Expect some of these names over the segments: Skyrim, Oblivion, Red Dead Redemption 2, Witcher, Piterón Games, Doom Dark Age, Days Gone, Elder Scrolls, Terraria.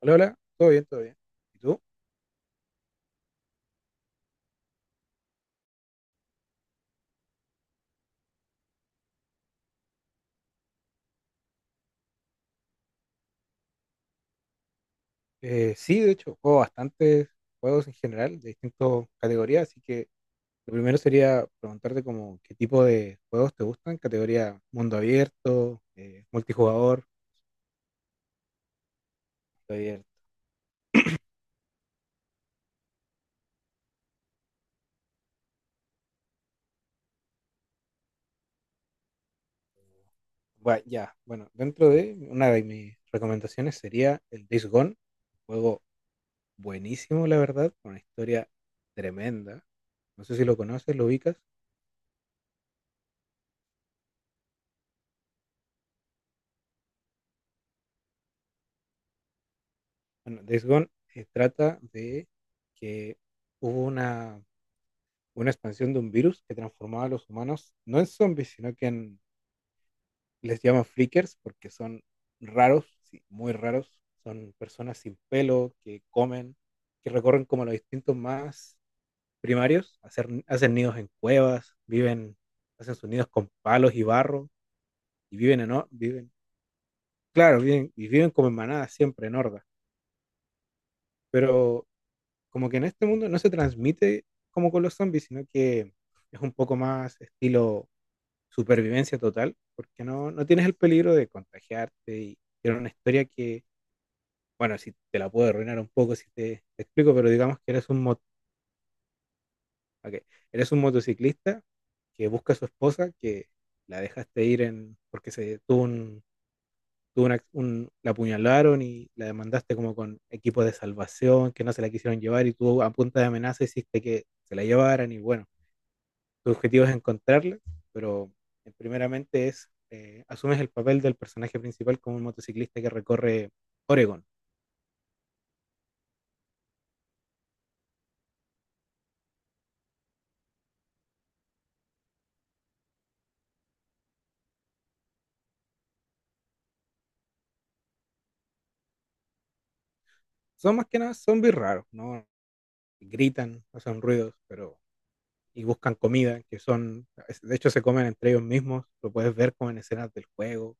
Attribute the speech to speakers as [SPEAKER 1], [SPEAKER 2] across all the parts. [SPEAKER 1] Hola, hola, todo bien, todo bien. ¿Y tú? Sí, de hecho, juego bastantes juegos en general, de distintas categorías, así que lo primero sería preguntarte como qué tipo de juegos te gustan, categoría mundo abierto, multijugador, mundo abierto. Bueno, ya, bueno, dentro de una de mis recomendaciones sería el Days Gone, juego buenísimo, la verdad, con una historia tremenda. No sé si lo conoces, lo ubicas. Bueno, Days Gone trata de que hubo una expansión de un virus que transformaba a los humanos no en zombies, sino que en, les llaman flickers porque son raros, sí, muy raros. Son personas sin pelo que comen, que recorren como los distintos más primarios, hacen nidos en cuevas, viven, hacen sus nidos con palos y barro y viven en, viven, claro, viven, y viven como en manadas siempre, en hordas. Pero como que en este mundo no se transmite como con los zombies, sino que es un poco más estilo supervivencia total, porque no, no tienes el peligro de contagiarte y era una historia que, bueno, si te la puedo arruinar un poco si te, te explico, pero digamos que eres un, ok, eres un motociclista que busca a su esposa, que la dejaste ir en, porque se tuvo un, tuvo la apuñalaron y la demandaste como con equipo de salvación, que no se la quisieron llevar y tú a punta de amenaza hiciste que se la llevaran y bueno tu objetivo es encontrarla, pero primeramente es, asumes el papel del personaje principal como un motociclista que recorre Oregón. Son más que nada zombies raros, ¿no? Gritan, hacen ruidos, pero y buscan comida, que son, de hecho se comen entre ellos mismos, lo puedes ver como en escenas del juego.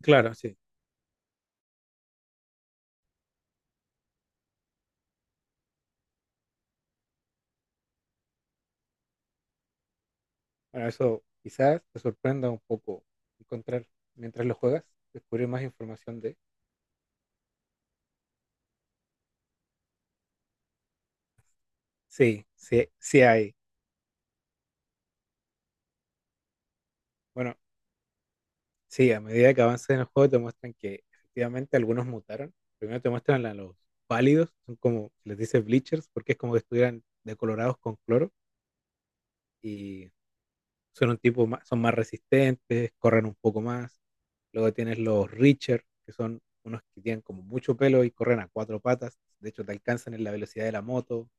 [SPEAKER 1] Claro, sí. Bueno, eso quizás te sorprenda un poco encontrar mientras lo juegas, descubrir más información de... Sí, sí, sí hay. Bueno, sí, a medida que avanzas en el juego te muestran que efectivamente algunos mutaron. Primero te muestran a los pálidos, son como, les dice bleachers, porque es como que estuvieran decolorados con cloro y son un tipo más, son más resistentes, corren un poco más. Luego tienes los richer, que son unos que tienen como mucho pelo y corren a cuatro patas, de hecho te alcanzan en la velocidad de la moto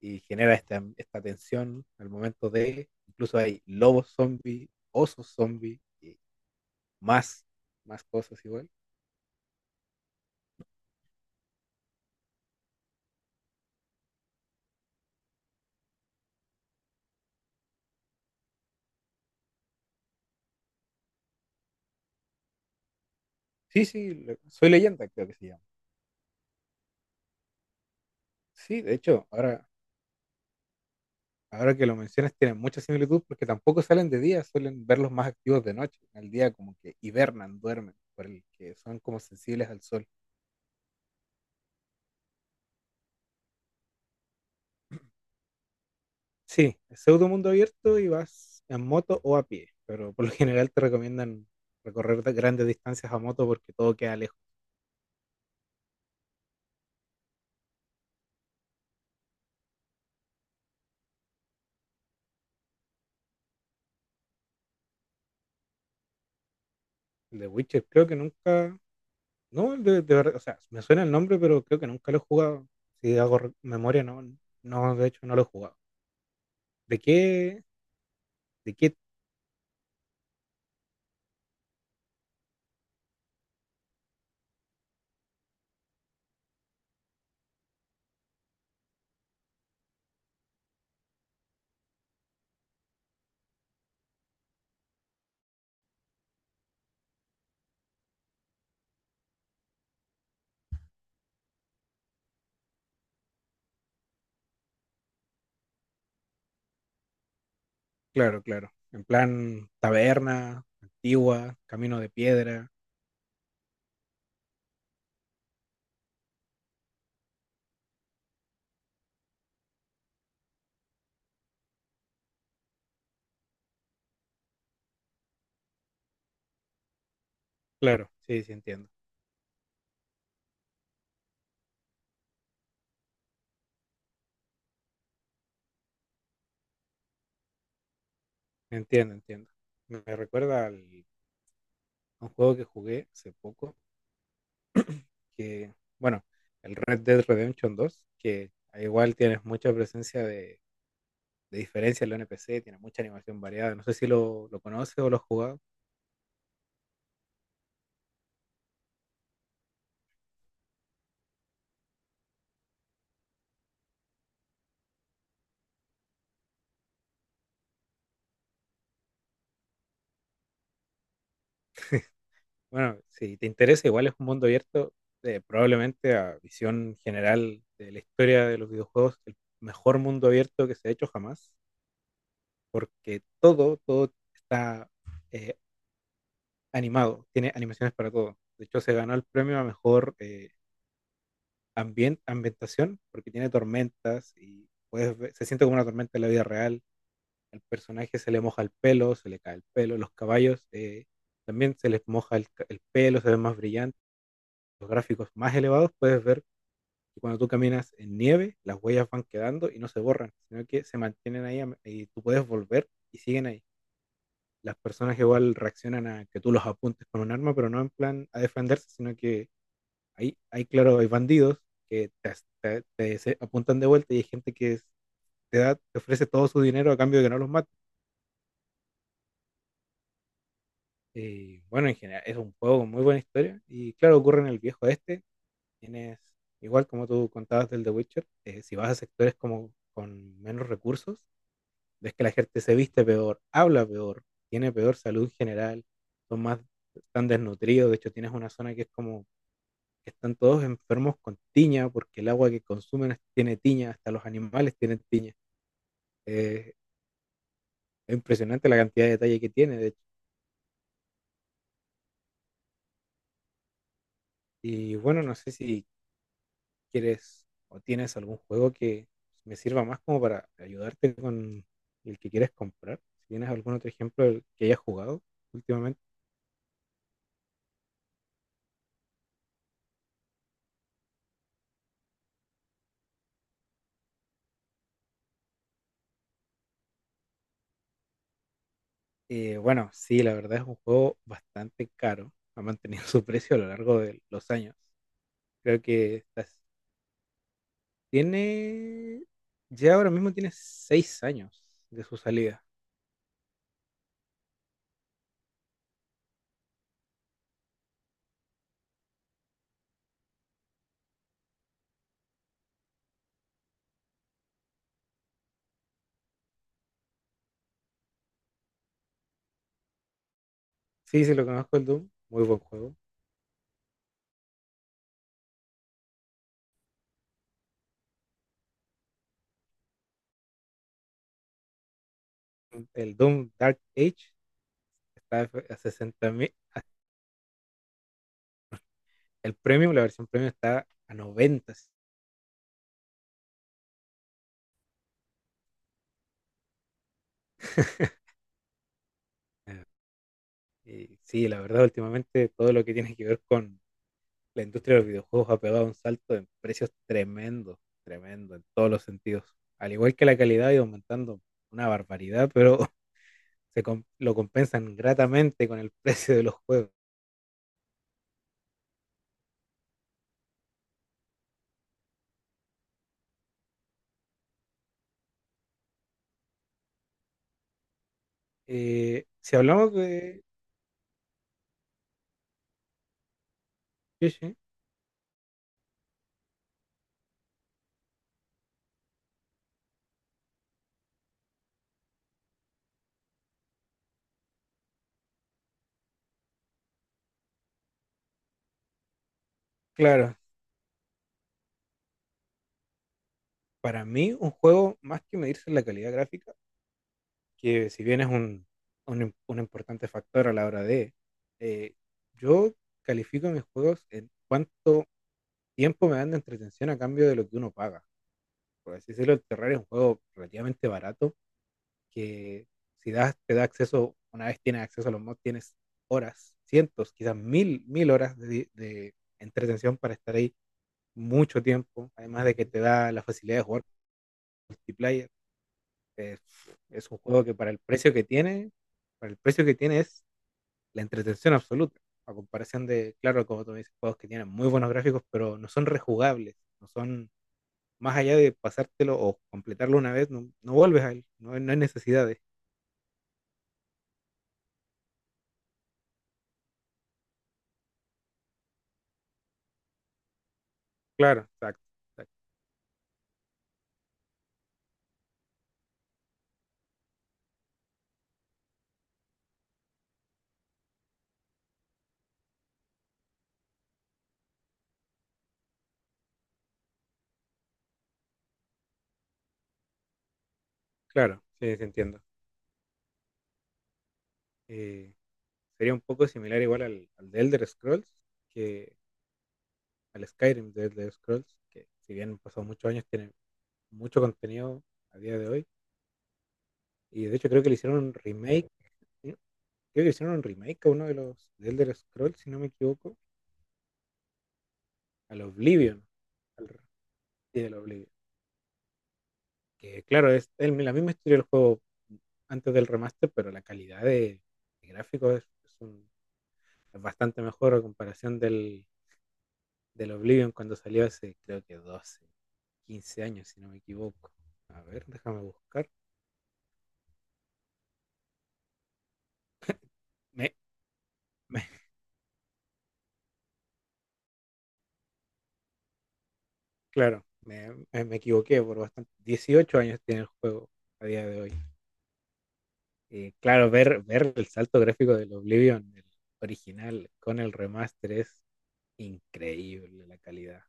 [SPEAKER 1] y genera esta tensión al momento de, incluso hay lobos zombies, osos zombies y más, más cosas igual. Sí, sí, soy leyenda, creo que se llama. Sí, de hecho, ahora, ahora que lo mencionas, tienen mucha similitud porque tampoco salen de día, suelen verlos más activos de noche. En el día como que hibernan, duermen, por el que son como sensibles al sol. Sí, es pseudo mundo abierto y vas en moto o a pie, pero por lo general te recomiendan recorrer grandes distancias a moto porque todo queda lejos. El de Witcher creo que nunca, no, el de verdad, o sea, me suena el nombre, pero creo que nunca lo he jugado. Si hago memoria, no, no, de hecho no lo he jugado. ¿De qué? De Kit, claro, claro. En plan taberna, antigua, camino de piedra. Claro, sí, sí, entiendo. Entiendo, entiendo. Me recuerda al, a un juego que jugué hace poco, que, bueno, el Red Dead Redemption 2, que igual tienes mucha presencia de diferencia en la NPC, tiene mucha animación variada. No sé si lo, lo conoces o lo has jugado. Bueno, si te interesa, igual es un mundo abierto, probablemente a visión general de la historia de los videojuegos, el mejor mundo abierto que se ha hecho jamás. Porque todo, todo está eh, animado, tiene animaciones para todo. De hecho, se ganó el premio a mejor ambientación porque tiene tormentas y puedes ver- se siente como una tormenta en la vida real. Al personaje se le moja el pelo, se le cae el pelo. Los caballos también se les moja el, el pelo, se ven más brillantes. Los gráficos más elevados puedes ver que cuando tú caminas en nieve, las huellas van quedando y no se borran, sino que se mantienen ahí y tú puedes volver y siguen ahí. Las personas igual reaccionan a que tú los apuntes con un arma, pero no en plan a defenderse, sino que hay claro, hay bandidos que te, apuntan de vuelta y hay gente que es- te, da, te ofrece todo su dinero a cambio de que no los mate. Y bueno, en general es un juego con muy buena historia y claro, ocurre en el viejo este. Tienes, igual como tú contabas del The Witcher, si vas a sectores como con menos recursos, es que la gente se viste peor, habla peor, tiene peor salud general, son más, están desnutridos, de hecho tienes una zona que es como que están todos enfermos con tiña, porque el agua que consumen es- tiene tiña, hasta los animales tienen tiña. Eh, es impresionante la cantidad de detalle que tiene, de hecho. Y bueno, no sé si quieres o tienes algún juego que me sirva más como para ayudarte con el que quieres comprar. Si tienes algún otro ejemplo del que hayas jugado últimamente. Bueno, sí, la verdad es un juego bastante caro. Ha mantenido su precio a lo largo de los años. Creo que está- tiene, ya ahora mismo tiene 6 años de su salida. Sí, sí, lo conozco el Doom. Muy buen juego. El Doom Dark Age está a 60.000. El premium, la versión premium está a 90. Y sí, la verdad, últimamente todo lo que tiene que ver con la industria de los videojuegos ha pegado un salto en precios tremendo, tremendo en todos los sentidos. Al igual que la calidad ha ido aumentando una barbaridad, pero lo compensan gratamente con el precio de los juegos. Si hablamos de Yoshi, claro, para mí un juego más que medirse en la calidad gráfica, que si bien es un, un importante factor a la hora de, eh, yo califico mis juegos en cuánto tiempo me dan de entretención a cambio de lo que uno paga. Por así decirlo, el Terraria es un juego relativamente barato que si das, te da acceso, una vez tienes acceso a los mods, tienes horas, cientos, quizás mil, mil horas de entretención para estar ahí mucho tiempo, además de que te da la facilidad de jugar multiplayer. Es, es un juego que para el precio que tiene, para el precio que tiene es la entretención absoluta, a comparación de, claro, como tú me dices, juegos que tienen muy buenos gráficos, pero no son rejugables, no son más allá de pasártelo o completarlo una vez, no, no vuelves a él, no, no hay necesidades. Claro, exacto, exacto, claro, sí, sí entiendo. Eh, Sería un poco similar igual al, al de Elder Scrolls, que al Skyrim de Elder Scrolls, que si bien han pasado muchos años, tiene mucho contenido a día de hoy. Y de hecho creo que le hicieron un remake, ¿sí? Creo que le hicieron un remake a uno de los de Elder Scrolls, si no me equivoco, al Oblivion. Al, sí, al Oblivion. Que claro, es el- la misma historia del juego antes del remaster, pero la calidad de gráficos es un- es bastante mejor a comparación del, del Oblivion cuando salió hace creo que 12 15 años, si no me equivoco. A ver, déjame buscar. Me, me- claro, me equivoqué por bastante. 18 años tiene el juego a día de hoy. Claro, ver el salto gráfico del Oblivion, el original, con el remaster es increíble la calidad.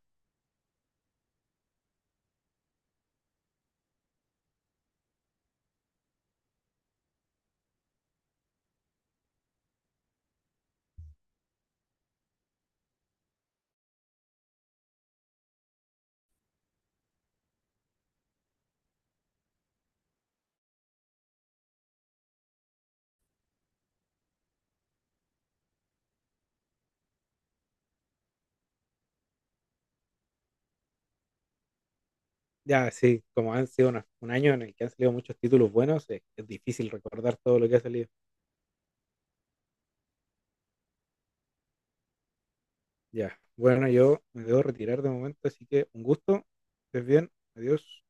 [SPEAKER 1] Ya, sí, como han sido un año en el que han salido muchos títulos buenos, es difícil recordar todo lo que ha salido. Ya, bueno, yo me debo retirar de momento, así que un gusto, estés bien, adiós.